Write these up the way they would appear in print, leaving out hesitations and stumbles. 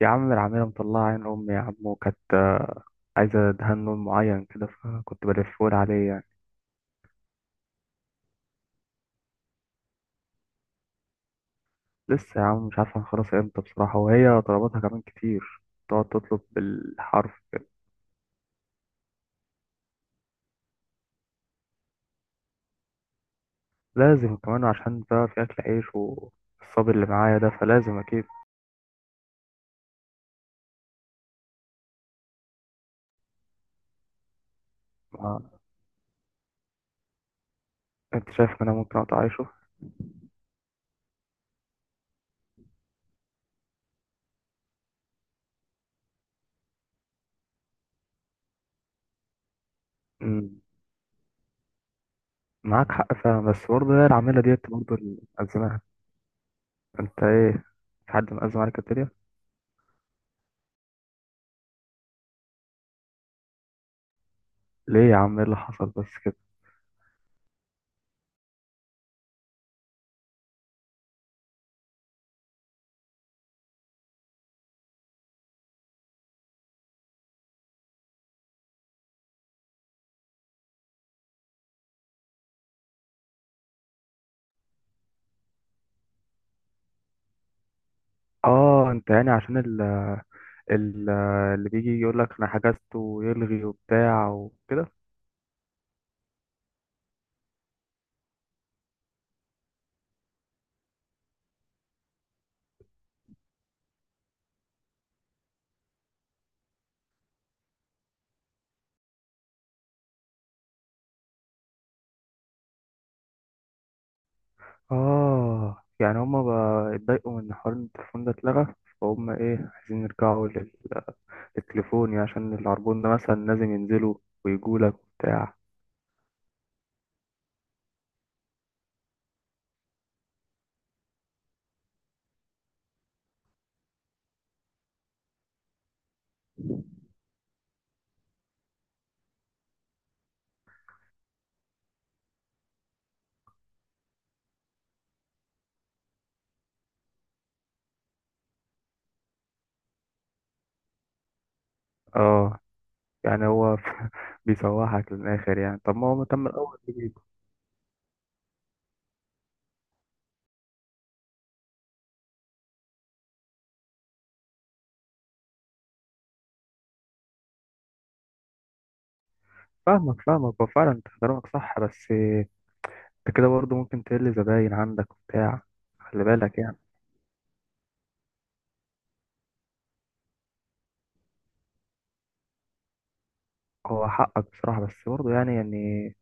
يا عم، العمالة مطلعة عين أمي يا عم، وكانت عايزة دهان لون معين كده، فكنت بلفهولي عليه يعني. لسه يا عم، مش عارف هنخلصها امتى بصراحة، وهي طلباتها كمان كتير، تقعد تطلب بالحرف. لازم كمان، عشان بقى في أكل عيش، والصبر اللي معايا ده فلازم أكيد. ما- أنت شايف إن أنا ممكن أقطع عيشه؟ أمم، معاك حق فعلا، بس برضه هي العمالة ديت برضه اللي مأزماها. أنت إيه؟ في حد مأزم عليك الدنيا؟ ليه يا عم، إيه اللي حصل بس كده؟ آه أنت يعني عشان ال- اللي بيجي يقول لك انا حجزته ويلغي وبتاع وكده. اه يعني هما بقى اتضايقوا من حوار ان التليفون ده اتلغى، فهم ايه عايزين يرجعوا للتليفون يعني، عشان العربون ده مثلا لازم ينزلوا ويجوا لك وبتاع. اه يعني هو بيسوحك للاخر يعني، طب ما هو مهتم الاول بيجيب. فاهمك فاهمك، هو فعلا انت كلامك صح، بس انت كده برضه ممكن تقل زباين عندك وبتاع، خلي بالك يعني. هو حقك بصراحة، بس برضه يعني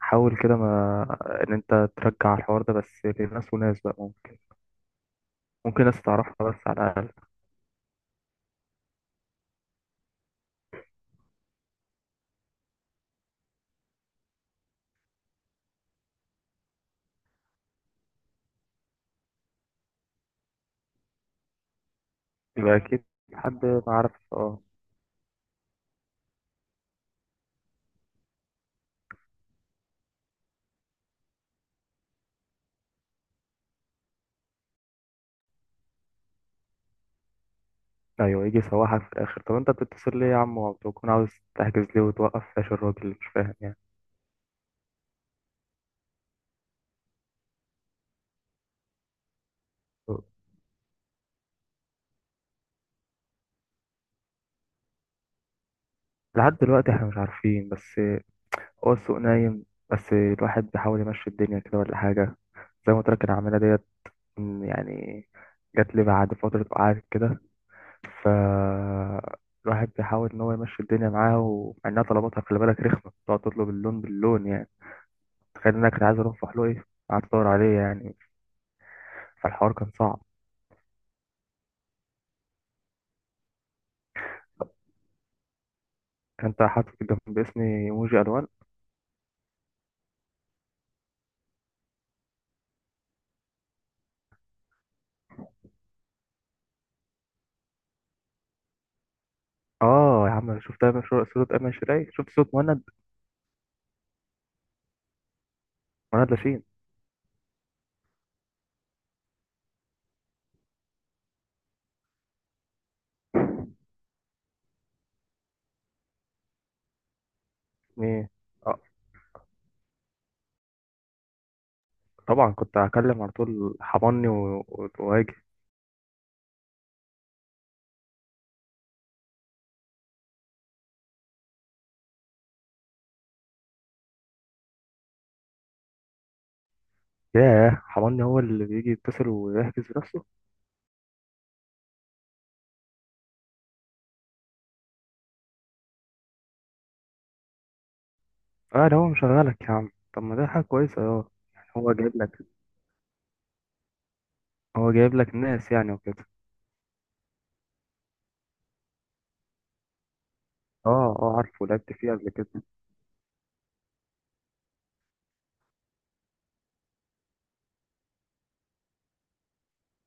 حاول كده، ما ان انت ترجع الحوار ده بس لناس وناس بقى، ممكن ناس تعرفها بس على الاقل. يبقى اكيد حد ما عارف. اه ايوه، يجي يسوحك في الاخر. طب انت بتتصل ليه يا عم، وبتكون عاوز تحجز ليه، وتوقف فلاش الراجل اللي مش فاهم يعني. لحد دلوقتي احنا مش عارفين، بس هو السوق نايم، بس الواحد بيحاول يمشي الدنيا كده ولا حاجة. زي ما قلت لك العمالة ديت يعني، جات لي بعد فترة قعدت كده، فالواحد بيحاول إن هو يمشي الدنيا معاه، ومع إنها طلباتها، خلي بالك رخمة، تقعد تطلب اللون باللون يعني. تخيل إنك كنت عايز أروح فحلوقي، قعدت أدور عليه يعني، فالحوار كان صعب. أنت حاطط جنب اسمي إيموجي ألوان. آه يا عم، أنا شفت أيمن، صورة أيمن، شراي شفت صورة مهند، مهند لاشين. إيه؟ آه طبعا، كنت هكلم على طول حضني وأجي. ياه، حضني هو اللي بيجي يتصل ويحجز بنفسه. اه ده هو مشغلك يا عم، طب ما ده حاجة كويسة، اه. يعني هو جايب لك ناس يعني وكده. اه اه، عارفه، لعبت فيه قبل كده.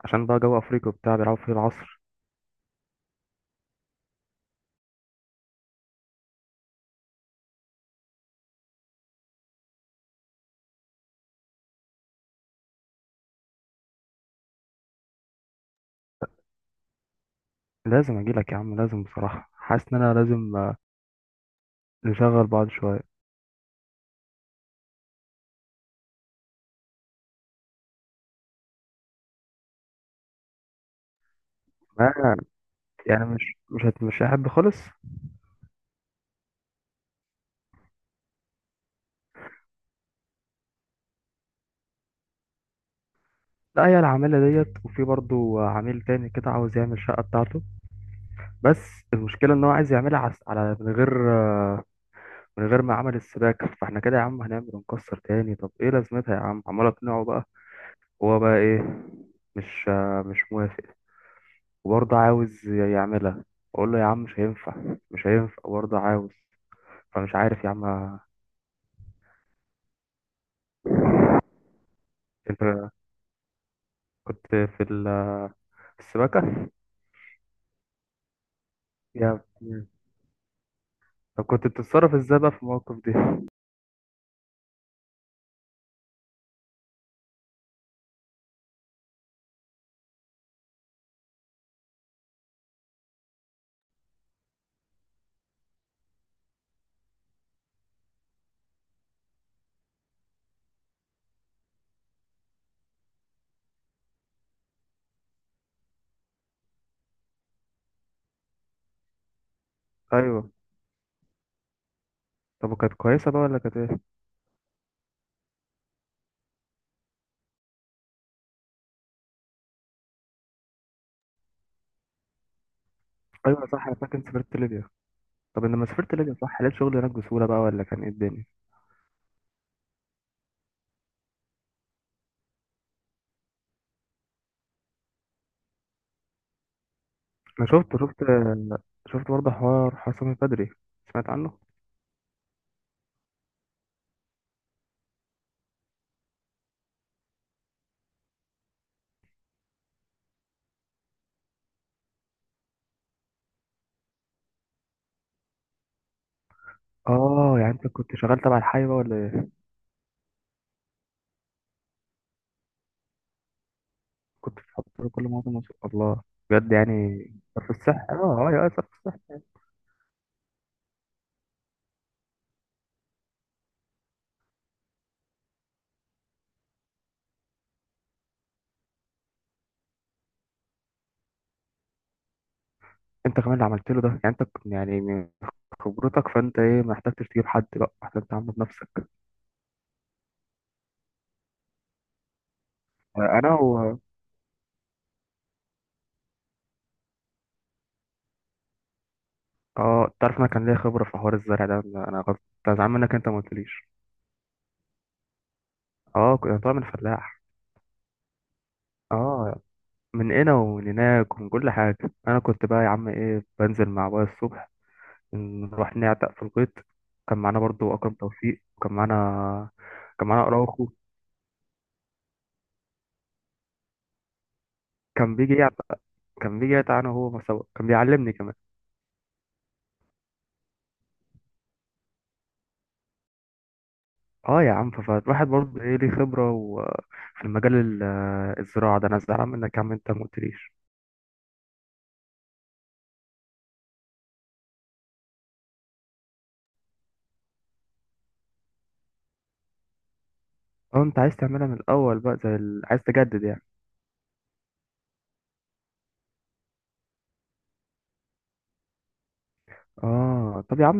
عشان بقى جو افريقيا وبتاع بيلعبوا فيه العصر. لازم اجي لك يا عم، لازم بصراحه، حاسس ان انا لازم نشغل بعض شويه. ما يعني مش هحب خالص. لا، هي العامله ديت، وفي برضو عميل تاني كده عاوز يعمل الشقه بتاعته، بس المشكله ان هو عايز يعملها على- من غير آه، من غير ما عمل السباكه. فاحنا كده يا عم هنعمل ونكسر تاني، طب ايه لازمتها يا عم، عمال اقنعه بقى. هو بقى ايه؟ مش مش موافق، وبرضه عاوز يعملها. اقول له يا عم مش هينفع، مش هينفع، برضه عاوز. فمش عارف يا عم. انت كنت في في السباكة يا ابني. طب كنت بتتصرف ازاي بقى في المواقف دي؟ ايوه. طب وكانت كويسة بقى ولا كانت ايه؟ ايوه صح، انا فاكر إنت سافرت ليبيا. طب لما سافرت ليبيا صح، لقيت شغل هناك بسهولة بقى، ولا كان ايه الدنيا؟ انا شفت، برضه حوار حسام البدري، سمعت عنه. اه يعني انت كنت شغال تبع الحي بقى ولا ايه؟ كنت بتحضر كل مواد مصر، الله، بجد يعني. صرف الصح، اه اه، يا صرف الصح. انت كمان اللي عملت له ده، يعني انت يعني من خبرتك، فانت ايه ما احتجتش تجيب حد، بقى احسن تعمل بنفسك. انا و اه تعرف انا كان ليا خبره في حوار الزرع ده. انا غلط، كنت زعلان منك انت ما قلتليش. اه كنت طالع من فلاح. اه من هنا ومن هناك ومن كل حاجه. انا كنت بقى يا عم ايه، بنزل مع ابويا الصبح، نروح نعتق في الغيط. كان معانا برضو اكرم توفيق، وكان معانا، كان معانا اراوخو، كان بيجي كان بيجي يتعانى هو سوا، كان بيعلمني كمان. اه يا عم، فالواحد برضه ايه ليه خبرة في المجال الزراعة ده. انا زعلان منك يا عم انت ما قلتليش. اه، انت عايز تعملها من الاول بقى، عايز تجدد يعني. اه طب يا عم،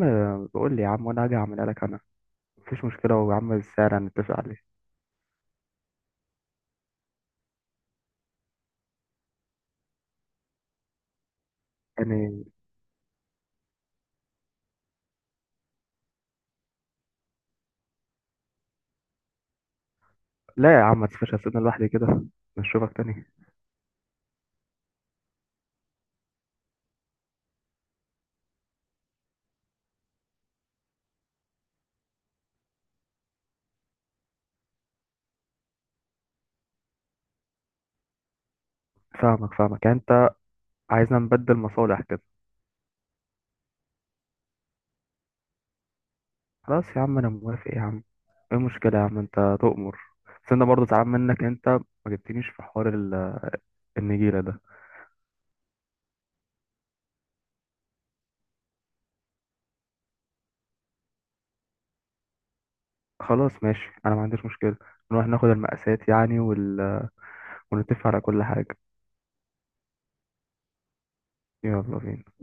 بقول لي يا عم وانا هاجي اعملها لك انا، مفيش مشكلة، ويا عم السعر هنتفق عليه يعني. لا يا عم، ما تسيبش، هسيبنا لوحدي كده، نشوفك تاني. فاهمك فاهمك، يعني انت عايزنا نبدل مصالح. خلاص يا عم، انا موافق يا عم، ايه المشكله يا عم، انت تؤمر. بس انا برضه زعلان منك انت ما جبتنيش في حوار النجيله ده. خلاص ماشي، انا ما عنديش مشكله، نروح ناخد المقاسات يعني، وال... آه، ونتفق على كل حاجه. يلا بينا.